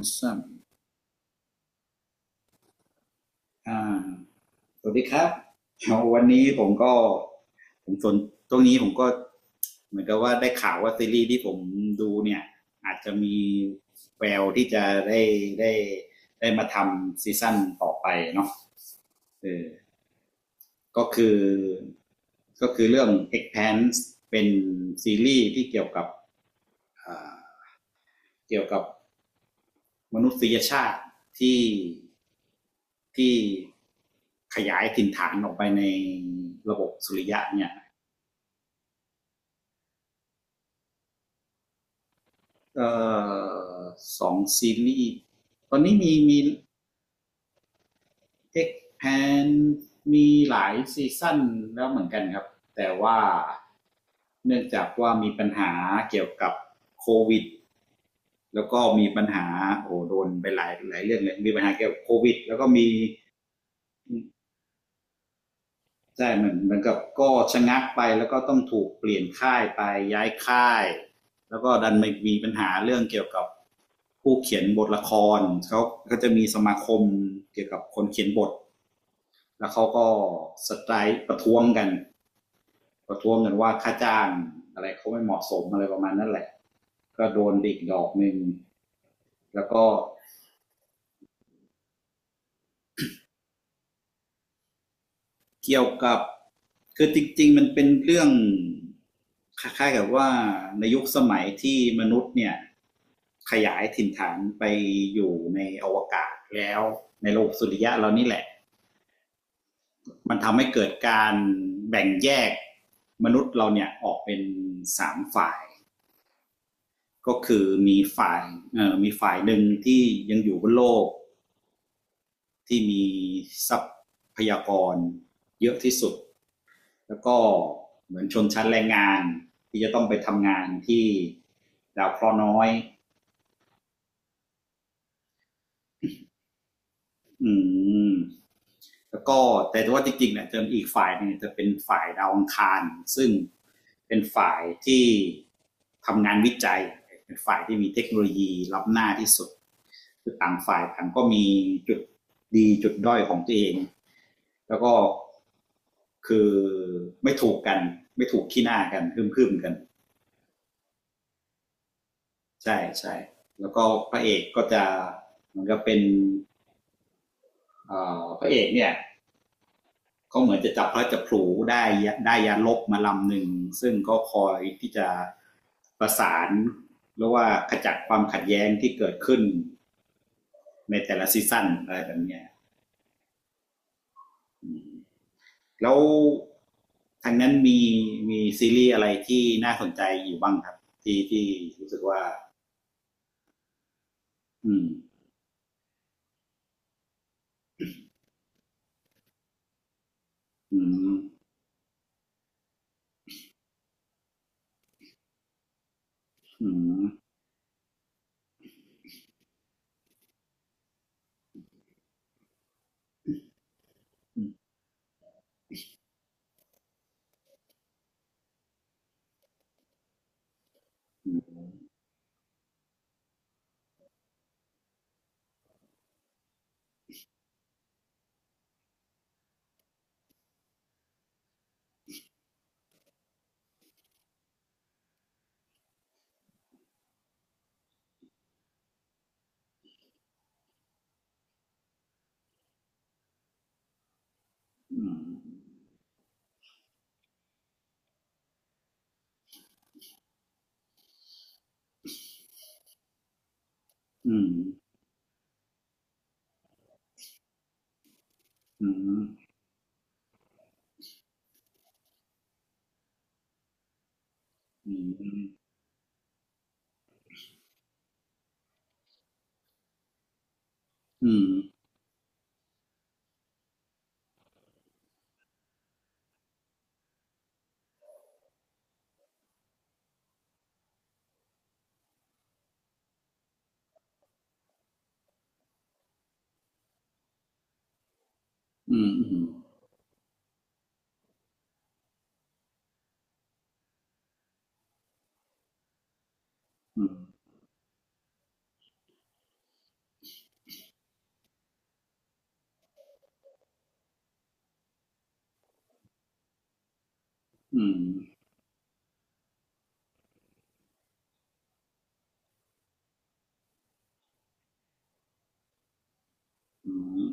สวัสดีครับวันนี้ผมก็ผมสนตรงนี้ผมก็เหมือนกับว่าได้ข่าวว่าซีรีส์ที่ผมดูเนี่ยอาจจะมีแววที่จะได้ได้ได้มาทำซีซั่นต่อไปเนาะเออก็คือก็คือเรื่อง Expanse เป็นซีรีส์ที่เกี่ยวกับ มนุษยชาติที่ที่ขยายถิ่นฐานออกไปในระบบสุริยะเนี่ยก็สองซีรีส์ตอนนี้มี X p a n มีหลายซีซั่นแล้วเหมือนกันครับแต่ว่าเนื่องจากว่ามีปัญหาเกี่ยวกับโควิดแล้วก็มีปัญหาโอ้โดนไปหลายหลายเรื่องเลยมีปัญหาเกี่ยวกับโควิดแล้วก็มี ใช่เหมือนกับก็ชะงักไปแล้วก็ต้องถูกเปลี่ยนค่ายไปย้ายค่ายแล้วก็ดันไม่มีปัญหาเรื่องเกี่ยวกับผู้เขียนบทละครเขาก็จะมีสมาคมเกี่ยวกับคนเขียนบทแล้วเขาก็สไตรค์ประท้วงกันประท้วงกันว่าค่าจ้างอะไรเขาไม่เหมาะสมอะไรประมาณนั้นแหละก็โดนดิกดอกหนึ่งแล้วก็ เกี่ยวกับคือจริงๆมันเป็นเรื่องคล้ายๆกับว่าในยุคสมัยที่มนุษย์เนี่ยขยายถิ่นฐานไปอยู่ในอวกาศแล้วในโลกสุริยะเรานี่แหละมันทำให้เกิดการแบ่งแยกมนุษย์เราเนี่ยออกเป็นสามฝ่ายก็คือมีฝ่ายมีฝ่ายหนึ่งที่ยังอยู่บนโลกที่มีทรัพยากรเยอะที่สุด แล้วก็เหมือนชนชั้นแรงงานที่จะต้องไปทำงานที่ดาวเคราะห์น้อยอืมแล้วก็แต่ว่าจริงๆเนี่ยจะอีกฝ่ายหนึงเ่จะเป็นฝ่ายดาวอังคารซึ่งเป็นฝ่ายที่ทำงานวิจัยเป็นฝ่ายที่มีเทคโนโลยีล้ำหน้าที่สุดคือต่างฝ่ายต่างก็มีจุดดีจุดด้อยของตัวเองแล้วก็คือไม่ถูกกันไม่ถูกขี้หน้ากันฮึ่มๆกัน ใช่ใช่แล้วก็พระเอกก็จะเหมือนกับเป็นพระเอกเนี่ยก็เหมือนจะจับพระจับผลูได้ได้ยานลบมาลำหนึ่งซึ่งก็คอยที่จะประสานหรือว่าขจัดความขัดแย้งที่เกิดขึ้นในแต่ละซีซั่นอะไรแบบเนี้ยแล้วทางนั้นมีมีซีรีส์อะไรที่น่าสนใจอยู่บ้างครับที่รู้สึกว่าอืมอืมอืมอืมอืมอืม อืมอืม อืมอืมอืมอืมอืมอืม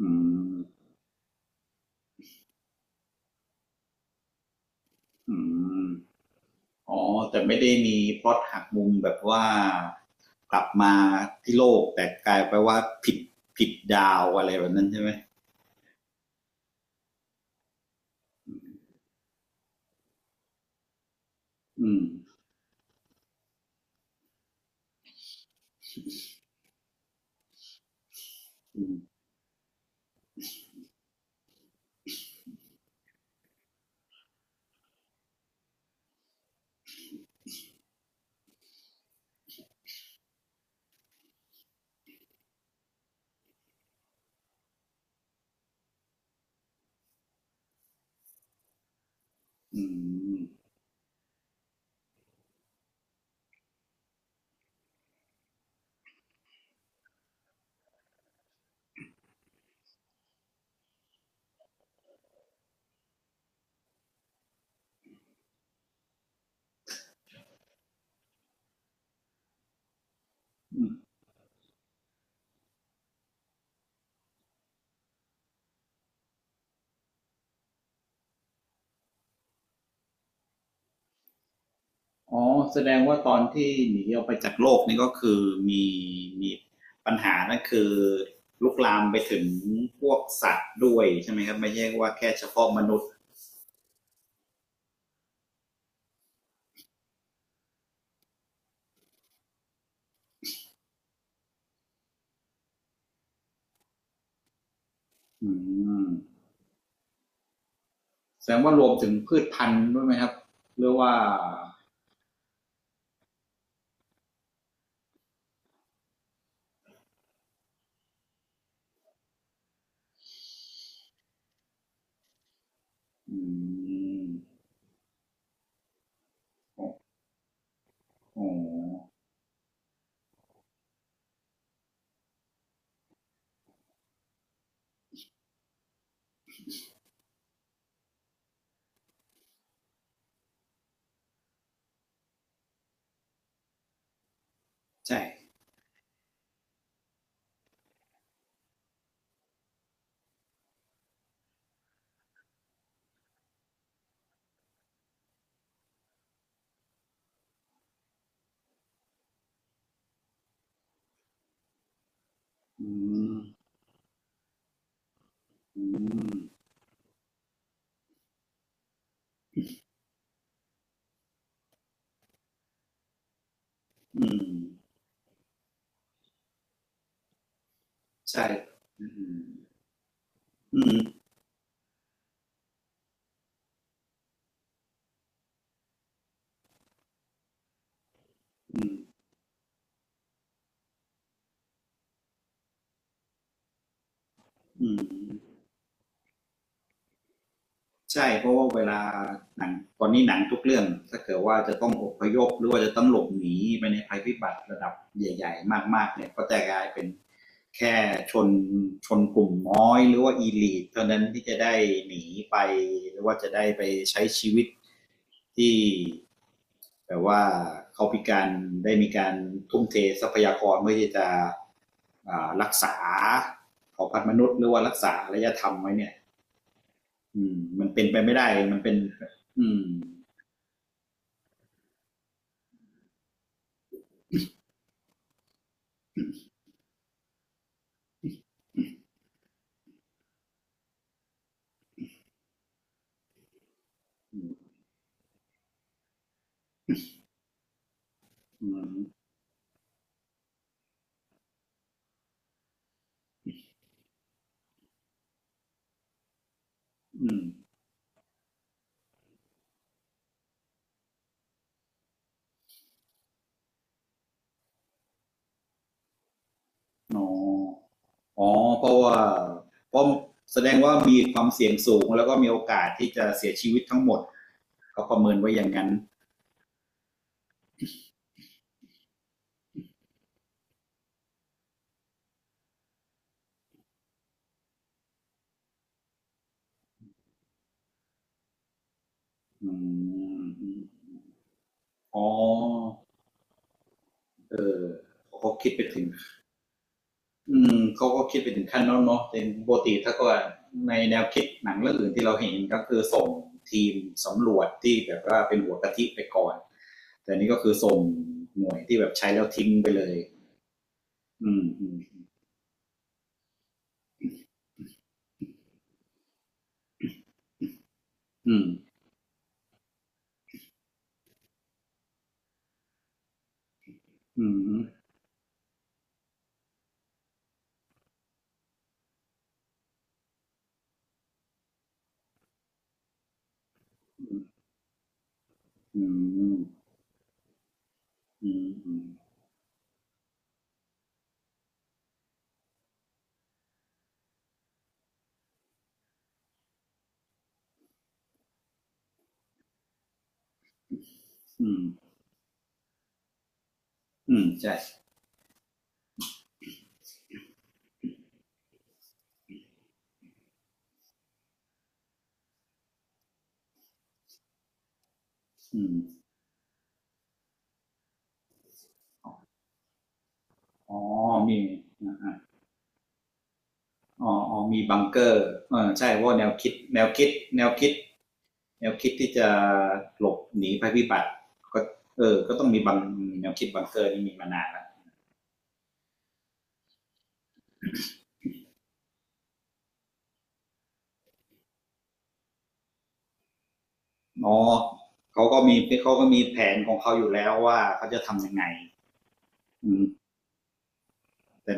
อืมอืมอ๋อแต่ไม่ได้มีพล็อตหักมุมแบบว่ากลับมาที่โลกแต่กลายไปว่าผิดผิดดาวอะไรแบบนั้นใช่ไหมอืมอืมอืมอืมอ๋อแสดงว่าตอนที่หนีออกไปจากโลกนี่ก็คือมีมีปัญหานั่นคือลุกลามไปถึงพวกสัตว์ด้วยใช่ไหมครับไม่ใช่ว่าแค่เฉพาะมนุษย์ อืมแสดงว่ารวมถึงพืชพันธุ์ด้วยไหมครับหรือว่าอืมโอ้โหใช่อืมอืมอืมใช่อืมอืมอืมอืม ใช่เพราะว่าเวลาหนังตอนนี้หนังทุกเรื่องถ้าเกิดว่าจะต้องอพยพหรือว่าจะต้องหลบหนีไปในภัยพิบัติระดับใหญ่ๆมากๆเนี่ยก็จะกลายเป็นแค่ชนชนกลุ่มน้อยหรือว่าอีลีทเท่านั้นที่จะได้หนีไปหรือว่าจะได้ไปใช้ชีวิตที่แบบว่าเขาพิการได้มีการทุ่มเททรัพยากรเพื่อที่จะรักษาเผ่าพันธุ์มนุษย์หรือว่ารักษาอารยธรรมไว้เนี่ย อืมมันเป็นไปไม่ได้ มันเป็นอืมอืมอืมอืมอ๋ออ๋อ เพราะว่าเพราะแสดงว่ามีความเสี่ยงสูงแล้วก็มีโอกาสที่จะเสียชีวิตทั้งหมดเขาประเมินไว้อย่างนั้นอืมอ๋อเขาคิดไปถึง อืมเขาก็คิดไปถึงขั้นนั้นเนาะแต่ปกติถ้าก็ในแนวคิดหนังเรื่องอื่นที่เราเห็นก็คือส่งทีมสำรวจที่แบบว่าเป็นหัวกะทิไปก่อนแต่นี่ก็คือส่งหน่วยที่แบบใช้แล้วทิ้งไปเลยอืมอืมอืมอืมอืมอืมอืมอืมอืมใช่อืมอ๋อมีอ๋ออ๋อมีบังเกอร์เออใช่เพราะว่าแนวคิดแนวคิด แนวคิดที่จะหลบหนีภัยพิบัติก็เออก็ต้องมีบางแนวคิดบังเกอร์นี่มีมานานแล้วเนาะเขาก็มีเขาก็มีแผนของเขาอยู่แล้วว่าเขาจะทำยังไงอืมแต่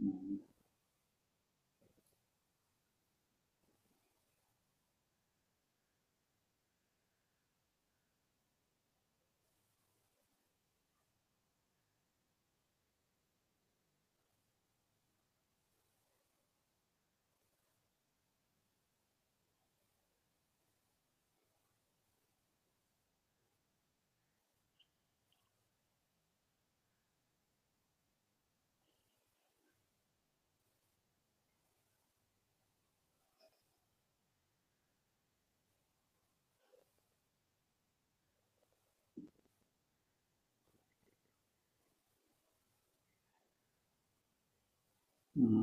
อืมอืม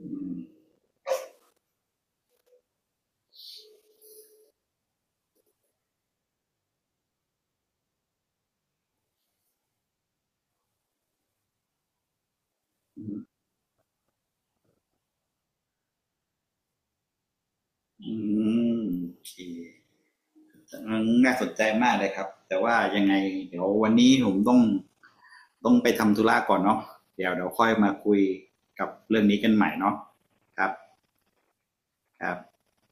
อืมโอเคน่าสนใจมากเลยครับแต่ว่ายังไงเดี๋ยววันนี้ผมต้องไปทำธุระก่อนเนาะเดี๋ยวค่อยมาคุยกับเรื่องนี้กันใหม่เนาะครับครับ